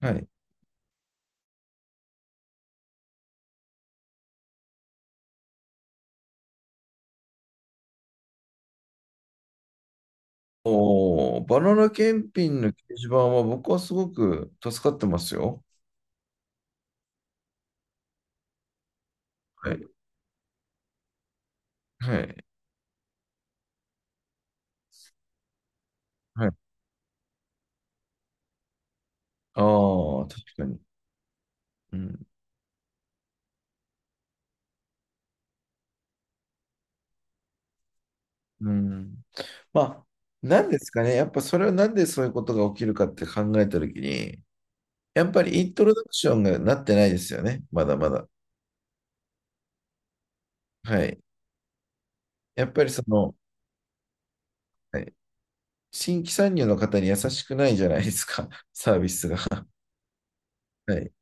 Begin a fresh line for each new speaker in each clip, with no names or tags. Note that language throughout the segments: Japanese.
はい。おー、バナナ検品の掲示板は僕はすごく助かってますよ。はい。はい。はい。ああ、確かに。うん。うん。まあ、なんですかね。やっぱそれはなんでそういうことが起きるかって考えたときに、やっぱりイントロダクションがなってないですよね。まだまだ。はい。やっぱりその、はい、新規参入の方に優しくないじゃないですか。サービスが。はい。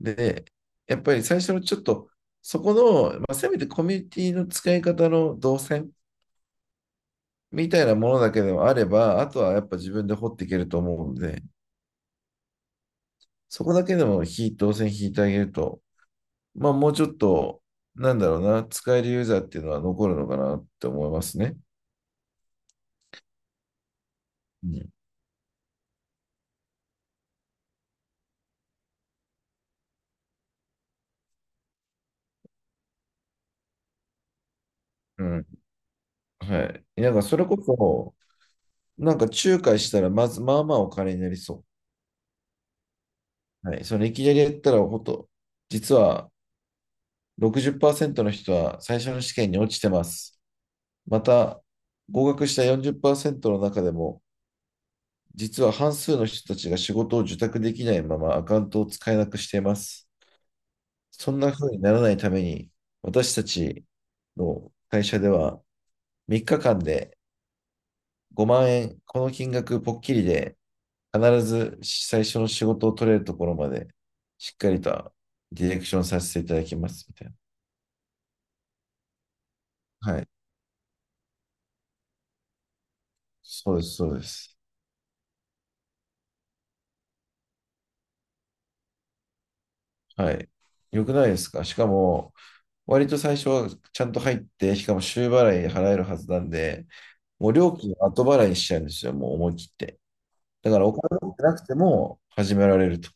で、やっぱり最初のちょっと、そこの、せめてコミュニティの使い方の動線みたいなものだけでもあれば、あとはやっぱ自分で掘っていけると思うので、そこだけでも動線引いてあげると、まあもうちょっと、なんだろうな、使えるユーザーっていうのは残るのかなって思いますね。うん。うん、はい。なんかそれこそ、なんか仲介したらまず、まあまあお金になりそう。はい。そのいきなりやったら、ほんと、実は60%の人は最初の試験に落ちてます。また、合格した40%の中でも、実は半数の人たちが仕事を受託できないままアカウントを使えなくしています。そんな風にならないために、私たちの会社では3日間で5万円、この金額ぽっきりで、必ず最初の仕事を取れるところまで、しっかりとディレクションさせていただきます、みたいな。はい。そうです、そうです。はい。よくないですか、しかも、割と最初はちゃんと入って、しかも週払い払えるはずなんで、もう料金は後払いにしちゃうんですよ、もう思い切って。だからお金持ってなくても始められると。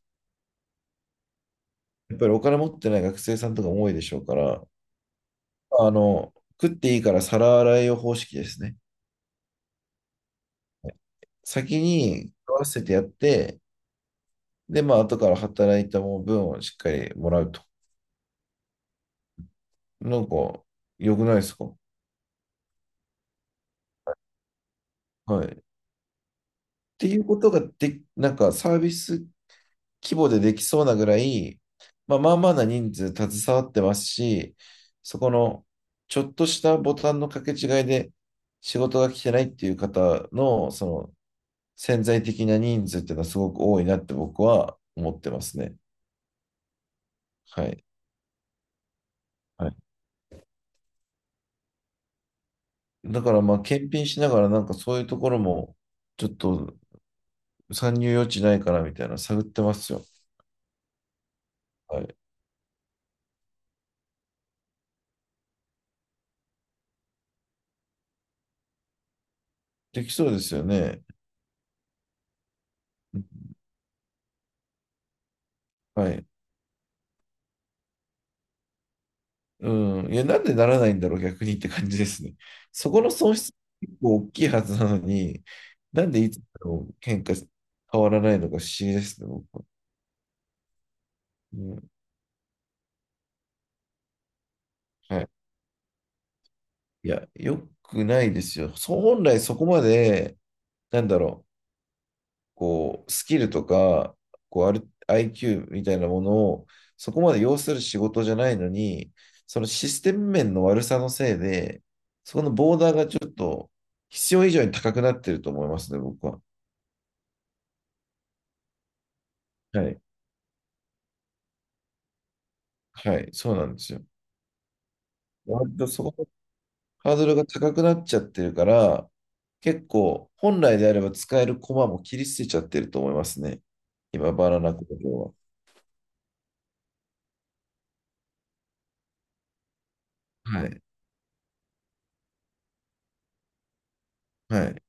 やっぱりお金持ってない学生さんとかも多いでしょうから、あの、食っていいから皿洗いを方式ですね。先に食わせてやって、で、まあ、後から働いた分をしっかりもらうと。なんか、良くないですか。はい。っていうことがで、なんかサービス規模でできそうなぐらい、まあ、まあまあな人数携わってますし、そこのちょっとしたボタンの掛け違いで仕事が来てないっていう方のその潜在的な人数っていうのはすごく多いなって僕は思ってますね。はい。はい。だからまあ検品しながらなんかそういうところもちょっと参入余地ないかなみたいなの探ってますよ。はい。できそうですよね。はい。うん。いや、なんでならないんだろう、逆にって感じですね。そこの損失結構大きいはずなのに、なんでいつも喧嘩変わらないのか不思議ですね、僕は。うん。はい。いや、良くないですよ。そう、本来そこまで、なんだろう、こう、スキルとか、こう、ある IQ みたいなものを、そこまで要する仕事じゃないのに、そのシステム面の悪さのせいで、そこのボーダーがちょっと必要以上に高くなってると思いますね、僕は。はい。はい。そうなんですよ。割とそこのハードルが高くなっちゃってるから、結構本来であれば使える駒も切り捨てちゃってると思いますね。今、バナナ工場は。はい。はい。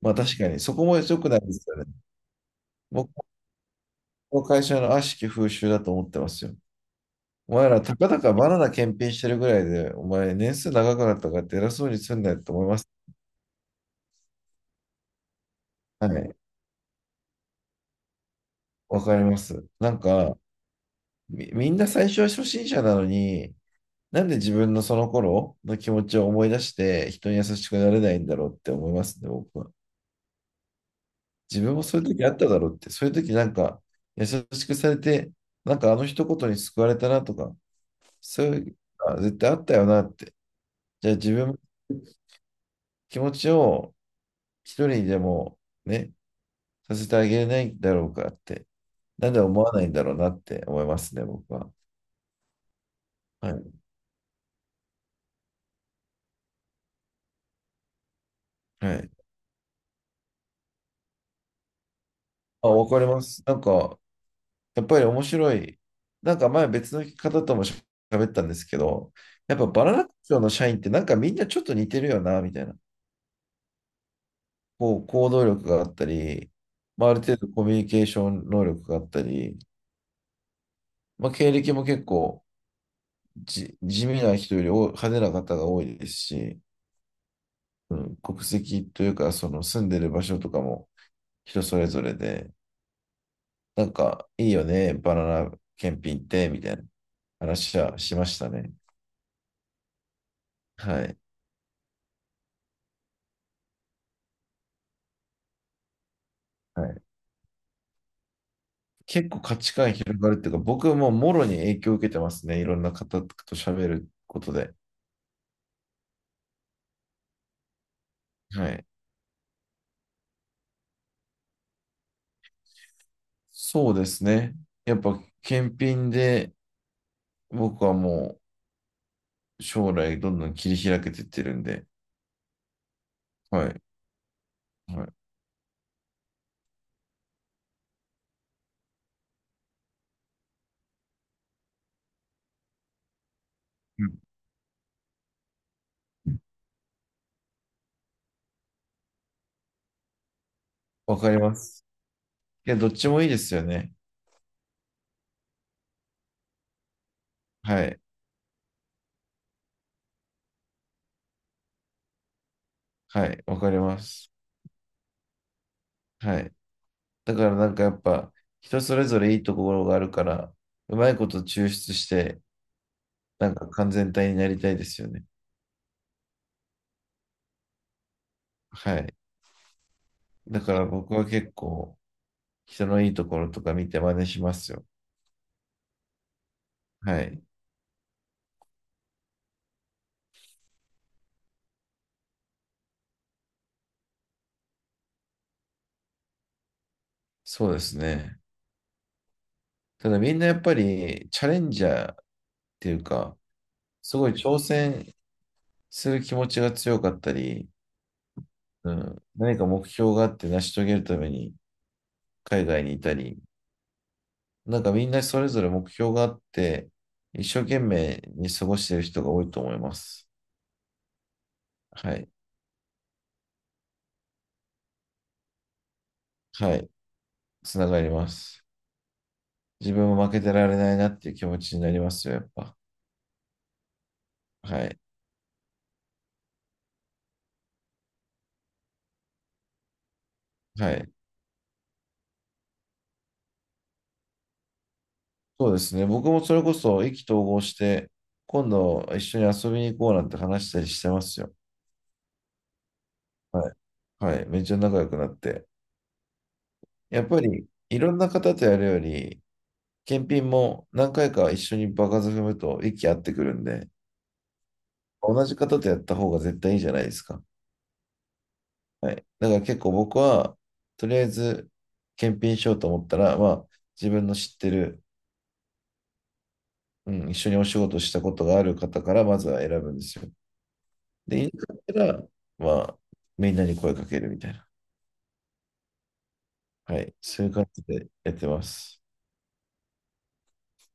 まあ確かに、そこも良くないですよね。僕の会社の悪しき風習だと思ってますよ。お前ら、たかだかバナナ検品してるぐらいで、お前、年数長くなったからって偉そうにすんなよと思います。はい。わかります。なんか、みんな最初は初心者なのに、なんで自分のその頃の気持ちを思い出して人に優しくなれないんだろうって思いますね、僕は。自分もそういう時あっただろうって、そういう時なんか優しくされて、なんかあの一言に救われたなとか、そういうのが絶対あったよなって。じゃあ自分の気持ちを一人にでもね、させてあげれないんだろうかって、なんで思わないんだろうなって思いますね、僕は。はい。はい。あ、わかります。なんか、やっぱり面白い。なんか前別の方ともし喋ったんですけど、やっぱバナナ工場の社員ってなんかみんなちょっと似てるよな、みたいな。こう、行動力があったり、まあ、ある程度コミュニケーション能力があったり、まあ、経歴も結構地味な人より多い派手な方が多いですし、うん、国籍というか、その住んでる場所とかも人それぞれで、なんかいいよね、バナナ検品って、みたいな話はしましたね。はい。はい、結構価値観広がるっていうか、僕はもうもろに影響を受けてますね。いろんな方と喋ることで。はい。そうですね。やっぱ、検品で僕はもう将来どんどん切り開けてってるんで。はい。はい。うん、わかります。いや、どっちもいいですよね。はい。はい。わかります。はい。だからなんかやっぱ、人それぞれいいところがあるから、うまいこと抽出して、なんか完全体になりたいですよね。はい。だから僕は結構、人のいいところとか見て真似しますよ。はい。そうですね。ただみんなやっぱりチャレンジャーっていうか、すごい挑戦する気持ちが強かったり、うん、何か目標があって成し遂げるために海外にいたり、なんかみんなそれぞれ目標があって、一生懸命に過ごしている人が多いと思います。はい。はい。つながります。自分も負けてられないなっていう気持ちになりますよ、やっぱ。はい。はい。そうですね。僕もそれこそ意気投合して、今度一緒に遊びに行こうなんて話したりしてますよ。はい。はい。めっちゃ仲良くなって。やっぱり、いろんな方とやるより、検品も何回か一緒に場数踏むと息合ってくるんで、同じ方とやった方が絶対いいじゃないですか。はい。だから結構僕は、とりあえず、検品しようと思ったら、まあ、自分の知ってる、うん、一緒にお仕事したことがある方からまずは選ぶんですよ。で、家帰ったら、まあ、みんなに声かけるみたいな。はい。そういう感じでやってます。